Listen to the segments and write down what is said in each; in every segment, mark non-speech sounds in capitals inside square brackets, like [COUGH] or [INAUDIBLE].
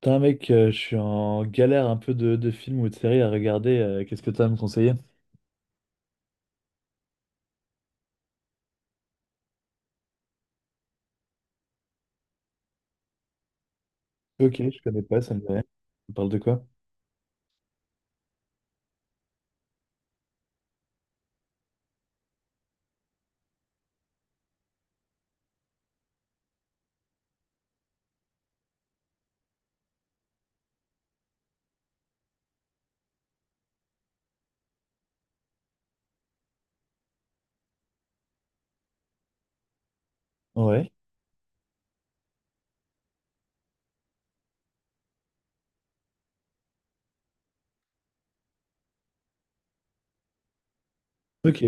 Putain, mec, je suis en galère un peu de films ou de séries à regarder. Qu'est-ce que tu as à me conseiller? Ok, je connais pas, ça me dit rien. On parle de quoi? Ouais. Ok.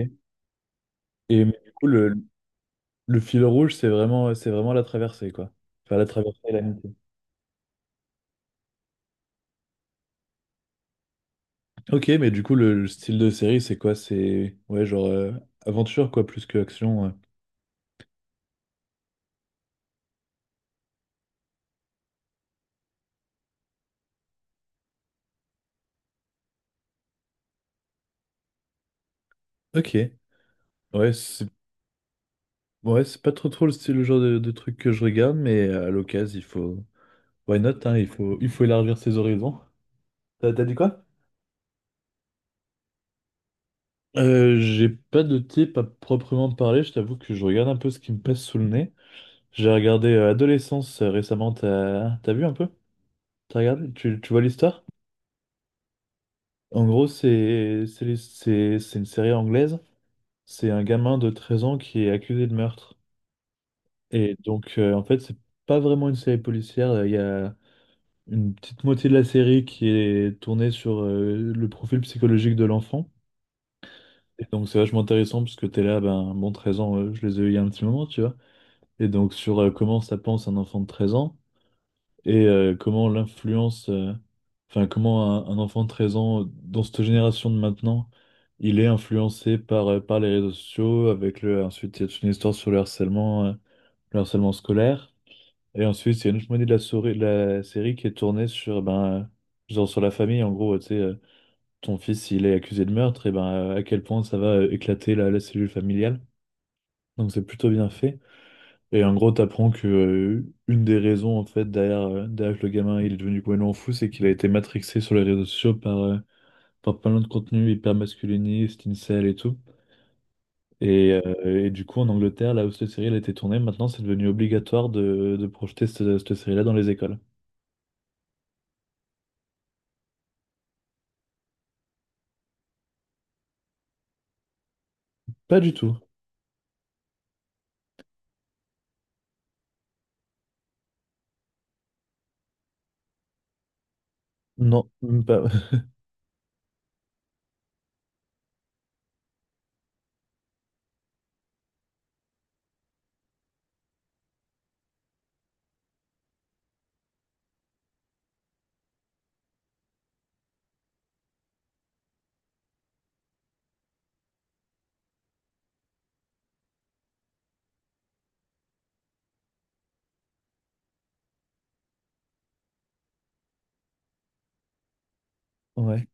Et mais du coup, le fil rouge, c'est vraiment la traversée, quoi. Enfin, la traversée et l'amitié. Ok, mais du coup, le style de série, c'est quoi? C'est, ouais, genre aventure, quoi, plus que action. Ok. Ouais, c'est ouais, c'est pas trop trop le style, le genre de truc que je regarde, mais à l'occasion, il faut... Why not, hein, il faut élargir ses horizons. T'as dit quoi? J'ai pas de type à proprement parler, je t'avoue que je regarde un peu ce qui me passe sous le nez. J'ai regardé Adolescence récemment, t'as vu un peu? T'as regardé? Tu vois l'histoire? En gros, c'est une série anglaise. C'est un gamin de 13 ans qui est accusé de meurtre. Et donc, en fait, c'est pas vraiment une série policière. Il y a une petite moitié de la série qui est tournée sur le profil psychologique de l'enfant. Et donc, c'est vachement intéressant parce que t'es là, ben, bon, 13 ans, je les ai eu il y a un petit moment, tu vois. Et donc sur comment ça pense un enfant de 13 ans et comment l'influence, enfin comment un enfant de 13 ans dans cette génération de maintenant, il est influencé par, par les réseaux sociaux, ensuite il y a toute une histoire sur le harcèlement scolaire, et ensuite il y a une autre moitié de la série qui est tournée sur, ben, genre sur la famille, en gros, tu sais, ton fils il est accusé de meurtre, et ben à quel point ça va éclater la cellule familiale. Donc c'est plutôt bien fait. Et en gros, t'apprends que une des raisons en fait derrière que le gamin il est devenu complètement fou, c'est qu'il a été matrixé sur les réseaux sociaux par plein de contenus hyper masculinistes, incel et tout. Et du coup, en Angleterre, là où cette série elle a été tournée, maintenant c'est devenu obligatoire de projeter cette série-là dans les écoles. Pas du tout. Non, même pas. [LAUGHS] Ouais.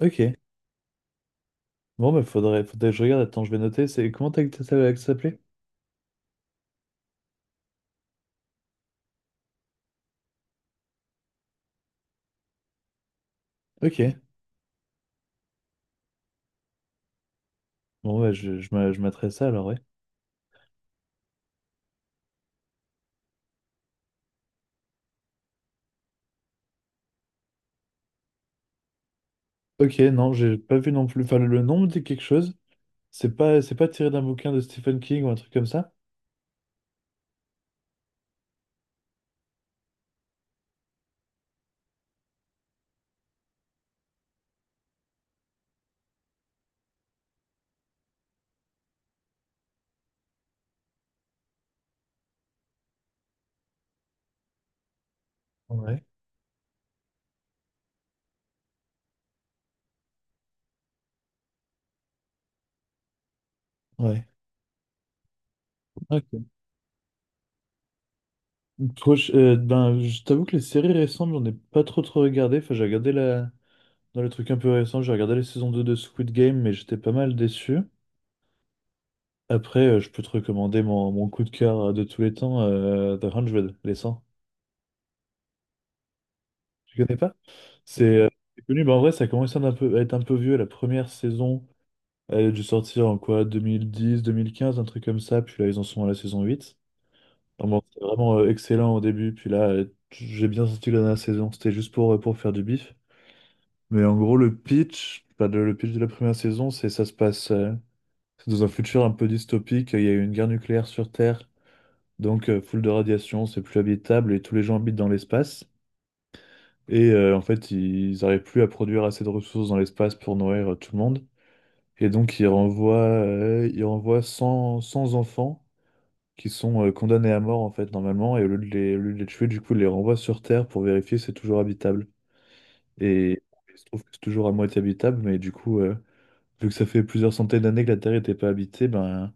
Ok. Bon, bah faudrait que je regarde. Attends, je vais noter. C'est comment ça s'appelait? Ok. Bon, bah je m'adresse à ça alors, ouais. Ok, non, j'ai pas vu non plus. Enfin, le nom me dit quelque chose. C'est pas tiré d'un bouquin de Stephen King ou un truc comme ça? Ouais. Ouais. Ok. Ben, je t'avoue que les séries récentes, j'en ai pas trop trop regardé. Enfin, j'ai regardé dans les trucs un peu récents, j'ai regardé la saison 2 de Squid Game, mais j'étais pas mal déçu. Après, je peux te recommander mon coup de cœur de tous les temps, The 100, les 100. Tu connais pas? C'est euh, c'est connu, mais en vrai, ça commence à être un peu, à être un peu vieux. La première saison, elle a dû sortir en quoi? Deux mille dix, 2015, un truc comme ça. Puis là, ils en sont à la saison 8. Non, bon, c'était vraiment excellent au début. Puis là, j'ai bien senti que la dernière saison, c'était juste pour faire du bif. Mais en gros, le pitch, enfin, le pitch de la première saison, c'est ça se passe c'est dans un futur un peu dystopique. Il y a eu une guerre nucléaire sur Terre. Donc, full de radiation, c'est plus habitable et tous les gens habitent dans l'espace. Et en fait, ils n'arrivent plus à produire assez de ressources dans l'espace pour nourrir tout le monde. Et donc, ils renvoient 100, 100 enfants qui sont condamnés à mort, en fait, normalement. Et au lieu de les tuer, du coup, ils les renvoient sur Terre pour vérifier si c'est toujours habitable. Et il se trouve que c'est toujours à moitié habitable, mais du coup, vu que ça fait plusieurs centaines d'années que la Terre n'était pas habitée, ben,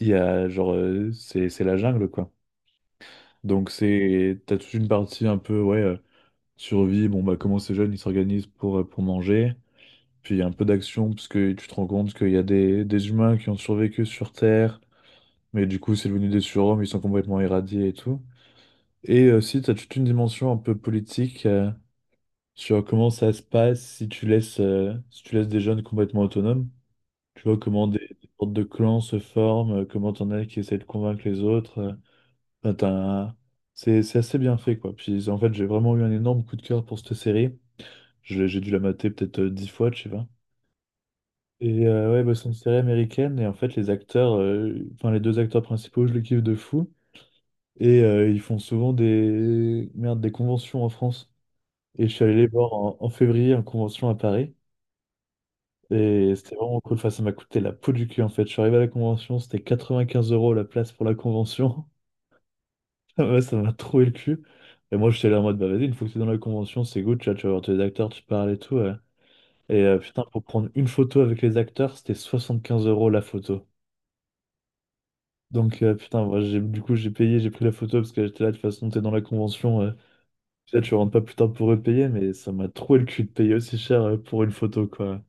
il y a, genre, c'est la jungle, quoi. Donc, t'as toute une partie un peu, ouais, survie. Bon, bah, comment ces jeunes, ils s'organisent pour manger. Puis il y a un peu d'action, parce que tu te rends compte qu'il y a des humains qui ont survécu sur Terre, mais du coup, c'est devenu des surhommes, ils sont complètement irradiés et tout. Et aussi, tu as toute une dimension un peu politique sur comment ça se passe si tu laisses des jeunes complètement autonomes. Tu vois comment des sortes de clans se forment, comment t'en as qui essaient de convaincre les autres. Enfin, c'est assez bien fait, quoi. Puis en fait, j'ai vraiment eu un énorme coup de cœur pour cette série. J'ai dû la mater peut-être 10 fois, tu sais. Et ouais, bah, c'est une série américaine et en fait les acteurs, enfin les deux acteurs principaux, je les kiffe de fou. Et ils font souvent des conventions en France. Et je suis allé les voir en février en convention à Paris. Et c'était vraiment cool. Enfin, ça m'a coûté la peau du cul en fait. Je suis arrivé à la convention, c'était 95 € la place pour la convention. [LAUGHS] Ouais, ça m'a troué le cul. Et moi j'étais là en mode bah vas-y, une fois que t'es dans la convention, c'est good, tu vois, tu vas voir tous les acteurs, tu parles et tout. Ouais. Et putain, pour prendre une photo avec les acteurs, c'était 75 € la photo. Donc, putain, moi, j'ai, du coup, j'ai payé, j'ai pris la photo parce que j'étais là, de toute façon, t'es dans la convention. Là, tu rentres pas plus tard pour repayer, mais ça m'a troué le cul de payer aussi cher pour une photo, quoi.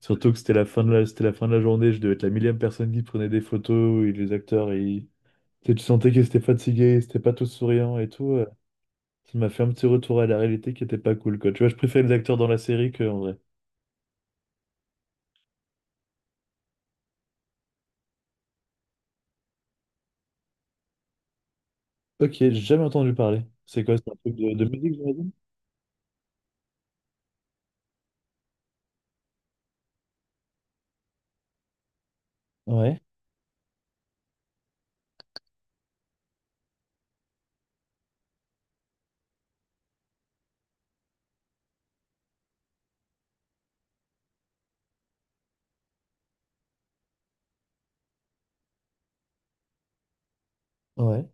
Surtout que c'était la fin de la journée, je devais être la millième personne qui prenait des photos, et les acteurs, tu sais, tu sentais qu'ils étaient fatigués, ils étaient pas tous souriants et tout. Ça m'a fait un petit retour à la réalité qui était pas cool, quoi. Tu vois, je préfère les acteurs dans la série que en vrai. Ok, j'ai jamais entendu parler. C'est quoi, c'est un truc de musique, j'imagine? Ouais, ouais,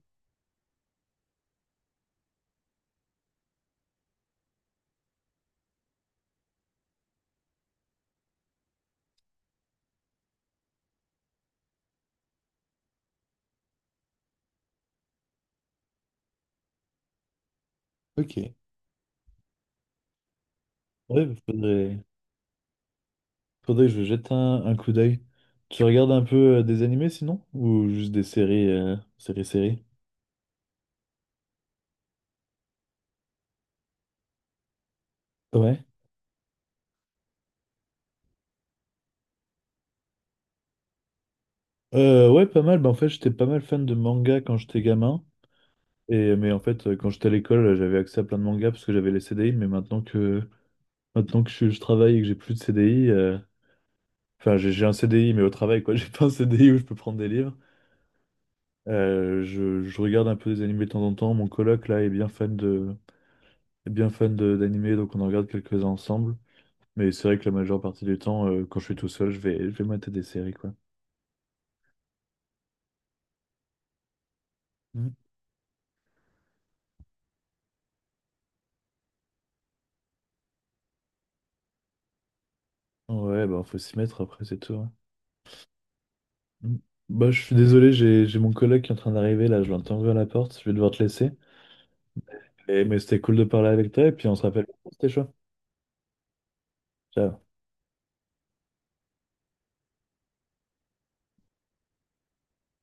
ok. Ouais, faudrait. Faudrait que je jette un coup d'œil. Tu regardes un peu des animés sinon? Ou juste des séries? Ouais. Ouais, pas mal. Bah, en fait, j'étais pas mal fan de manga quand j'étais gamin. Et, mais en fait, quand j'étais à l'école, j'avais accès à plein de mangas parce que j'avais les CDI. Mais maintenant que je travaille et que j'ai plus de CDI, enfin, j'ai un CDI, mais au travail, quoi. [LAUGHS] J'ai pas un CDI où je peux prendre des livres. Je regarde un peu des animés de temps en temps. Mon coloc, là, est bien fan d'animés, donc on en regarde quelques-uns ensemble. Mais c'est vrai que la majeure partie du temps, quand je suis tout seul, je vais mater des séries, quoi. Mm. Ouais, bah faut s'y mettre après, c'est tout. Ouais. Mm. Bah je suis désolé, j'ai mon collègue qui est en train d'arriver là, je l'entends ouvrir la porte, je vais devoir te laisser. Et, mais c'était cool de parler avec toi et puis on se rappelle. C'était chaud. Ciao.